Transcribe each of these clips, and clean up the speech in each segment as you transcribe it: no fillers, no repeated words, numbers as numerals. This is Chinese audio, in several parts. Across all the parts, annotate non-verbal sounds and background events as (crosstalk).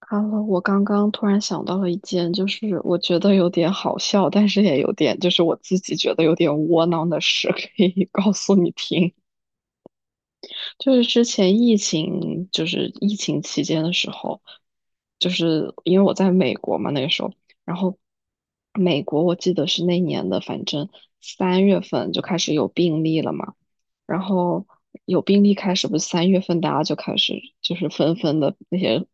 哈喽，我刚刚突然想到了一件，就是我觉得有点好笑，但是也有点，就是我自己觉得有点窝囊的事，可以告诉你听。就是之前疫情，就是疫情期间的时候，就是因为我在美国嘛，那个时候，然后美国我记得是那年的，反正三月份就开始有病例了嘛，然后有病例开始，不是三月份大家就开始就是纷纷的那些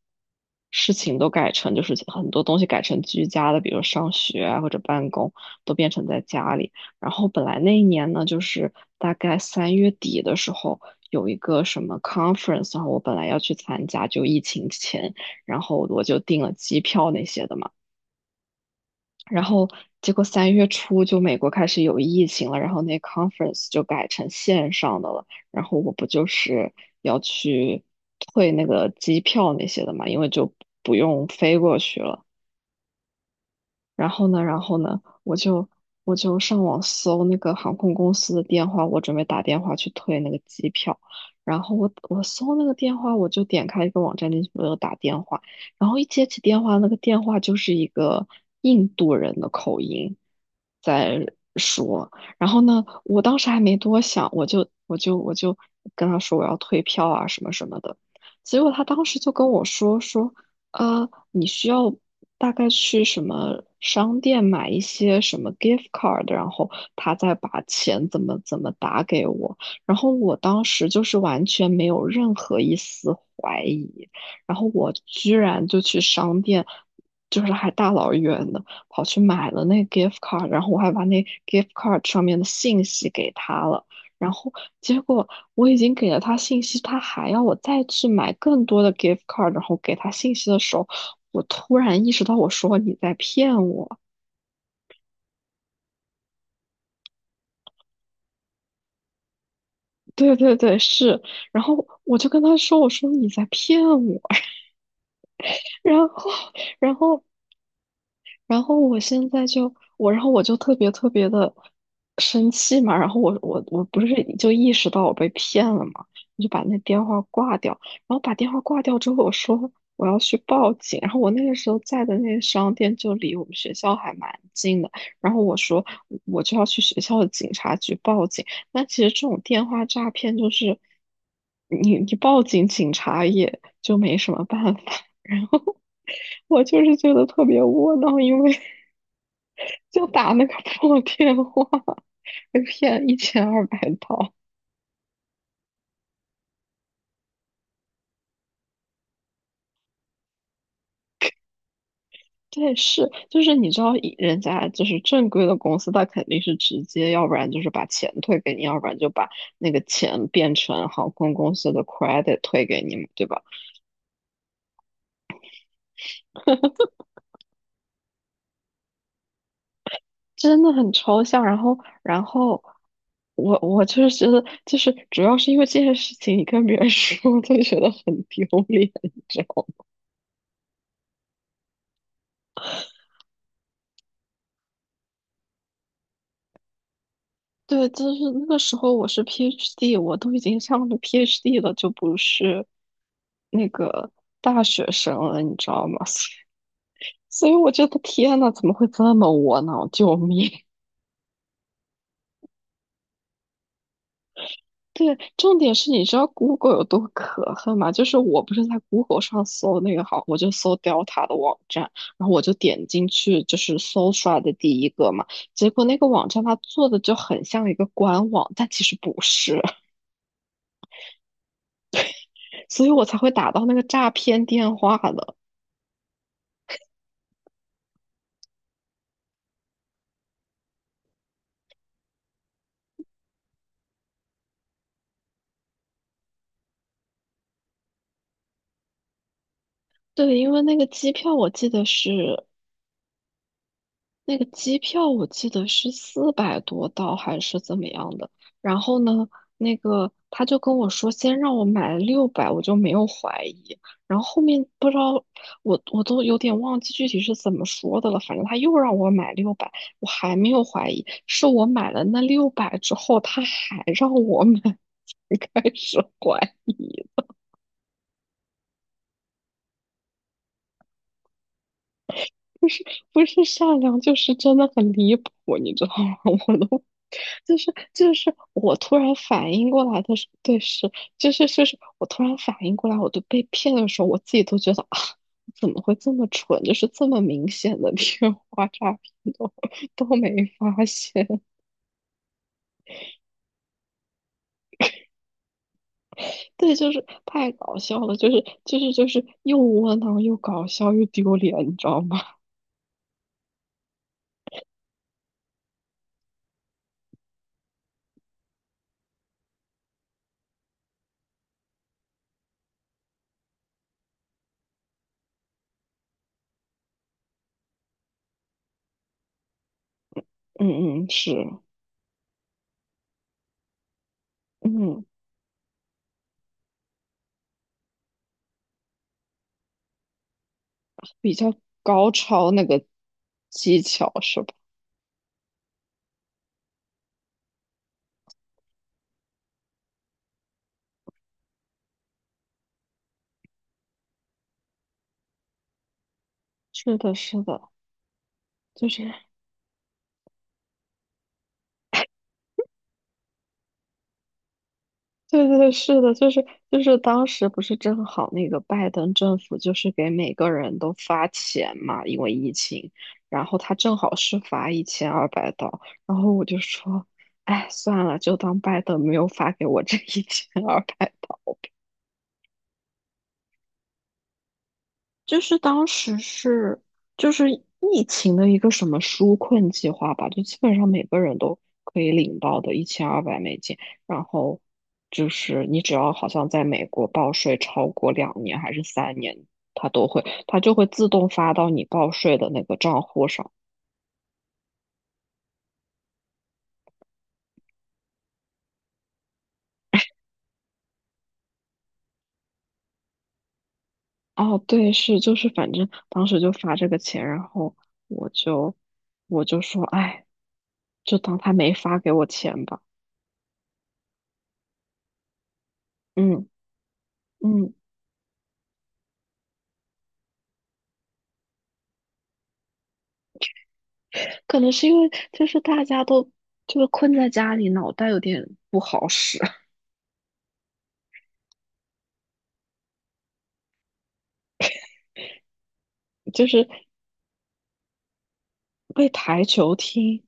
事情都改成，就是很多东西改成居家的，比如上学啊或者办公都变成在家里。然后本来那一年呢，就是大概3月底的时候。有一个什么 conference，然后我本来要去参加，就疫情前，然后我就订了机票那些的嘛。然后结果3月初就美国开始有疫情了，然后那 conference 就改成线上的了。然后我不就是要去退那个机票那些的嘛，因为就不用飞过去了。然后呢，我就上网搜那个航空公司的电话，我准备打电话去退那个机票。然后我搜那个电话，我就点开一个网站进去，我就打电话。然后一接起电话，那个电话就是一个印度人的口音在说。然后呢，我当时还没多想，我就跟他说我要退票啊什么什么的。结果他当时就跟我说说，你需要大概去什么商店买一些什么 gift card，然后他再把钱怎么怎么打给我，然后我当时就是完全没有任何一丝怀疑，然后我居然就去商店，就是还大老远的跑去买了那 gift card，然后我还把那 gift card 上面的信息给他了。然后结果我已经给了他信息，他还要我再去买更多的 gift card，然后给他信息的时候，我突然意识到，我说你在骗我。对对对，是。然后我就跟他说，我说你在骗我。(laughs) 然后，然后我现在就我，然后我就特别特别的生气嘛，然后我不是就意识到我被骗了嘛，我就把那电话挂掉，然后把电话挂掉之后，我说我要去报警，然后我那个时候在的那个商店就离我们学校还蛮近的，然后我说我就要去学校的警察局报警，那其实这种电话诈骗就是你报警，警察也就没什么办法。(laughs) 我就是觉得特别窝囊，因为就打那个 (laughs) 破电话，被骗一千二百刀。对，是，就是你知道以人家就是正规的公司，他肯定是直接，要不然就是把钱退给你，要不然就把那个钱变成航空公司的 credit 退给你嘛，对吧？真的很抽象。然后，然后我就是觉得，就是主要是因为这些事情，你跟别人说，就觉得很丢脸，你知道吗？对，就是那个时候我是 PhD，我都已经上了 PhD 了，就不是那个大学生了，你知道吗？(laughs) 所以我觉得天呐，怎么会这么窝囊？救命！对，重点是你知道 Google 有多可恨吗？就是我不是在 Google 上搜那个好，我就搜 Delta 的网站，然后我就点进去就是搜出来的第一个嘛，结果那个网站它做的就很像一个官网，但其实不是。所以我才会打到那个诈骗电话的。对，因为那个机票我记得是400多刀还是怎么样的。然后呢，那个他就跟我说先让我买六百，我就没有怀疑。然后后面不知道我都有点忘记具体是怎么说的了，反正他又让我买六百，我还没有怀疑。是我买了那六百之后，他还让我买，(laughs) 才开始怀疑。不是善良，就是真的很离谱，你知道吗？(laughs) 我都就是我突然反应过来的时候，对，是就是我突然反应过来，我都被骗的时候，我自己都觉得啊，怎么会这么蠢？就是这么明显的电话诈骗都没发现，(laughs) 对，就是太搞笑了，就是又窝囊又搞笑又丢脸，你知道吗？(laughs) 嗯嗯，是，嗯，比较高超那个技巧是吧？是的，是的，就是，(laughs) 对对，是的，就是当时不是正好那个拜登政府就是给每个人都发钱嘛，因为疫情，然后他正好是发一千二百刀，然后我就说，哎，算了，就当拜登没有发给我这一千二百。就是当时是就是疫情的一个什么纾困计划吧，就基本上每个人都可以领到的1200美金，然后就是你只要好像在美国报税超过2年还是3年，它都会它就会自动发到你报税的那个账户上。哦，对，是就是反正当时就发这个钱，然后我就我就说，哎，就当他没发给我钱吧。嗯嗯。可能是因为就是大家都就是困在家里，脑袋有点不好使，(laughs) 就是被台球踢。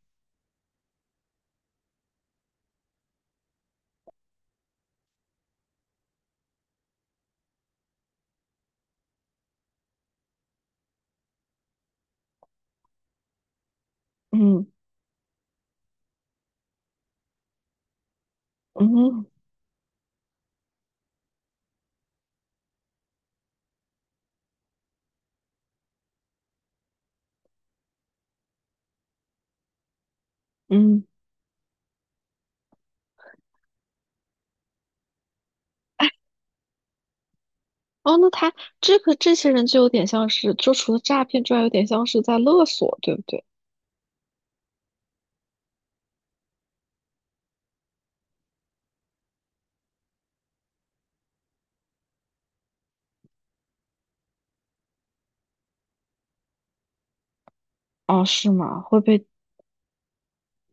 嗯嗯嗯，哦，那他这个这些人就有点像是，就除了诈骗之外，有点像是在勒索，对不对？哦，是吗？会被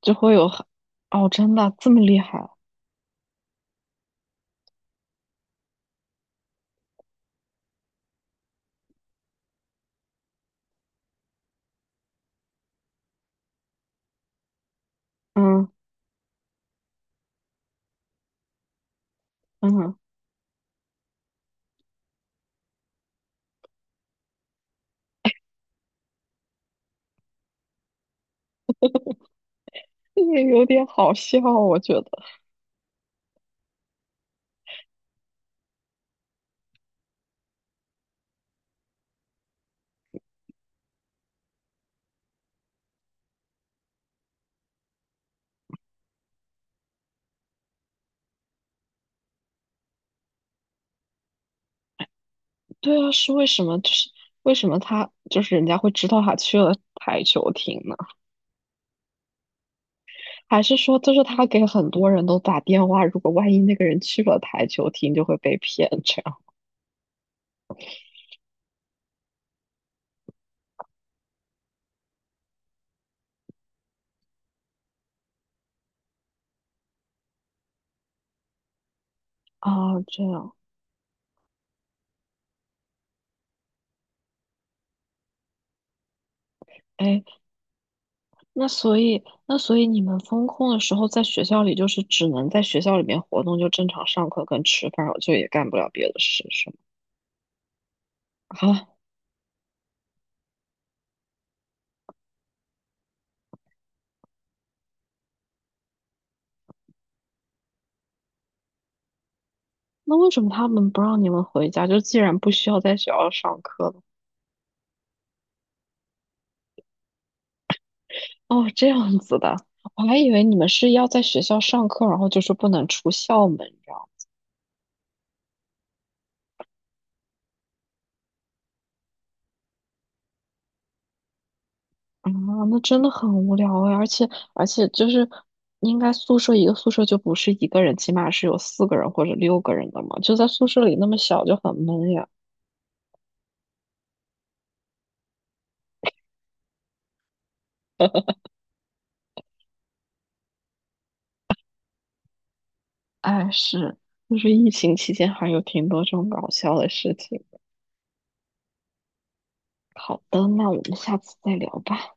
就会有很哦，真的这么厉害啊？嗯嗯，(laughs) 也有点好笑，我觉得。对啊，是为什么？就是为什么他就是人家会知道他去了台球厅呢？还是说就是他给很多人都打电话，如果万一那个人去了台球厅，就会被骗这样啊？这样，哎，那所以你们封控的时候，在学校里就是只能在学校里面活动，就正常上课跟吃饭，就也干不了别的事，是吗？啊，那为什么他们不让你们回家？就既然不需要在学校上课了，哦，这样子的，我还以为你们是要在学校上课，然后就是不能出校门，知道吗？啊，那真的很无聊哎，而且就是应该宿舍一个宿舍就不是一个人，起码是有4个人或者6个人的嘛，就在宿舍里那么小就很闷呀。哎，是，就是疫情期间还有挺多这种搞笑的事情。好的，那我们下次再聊吧。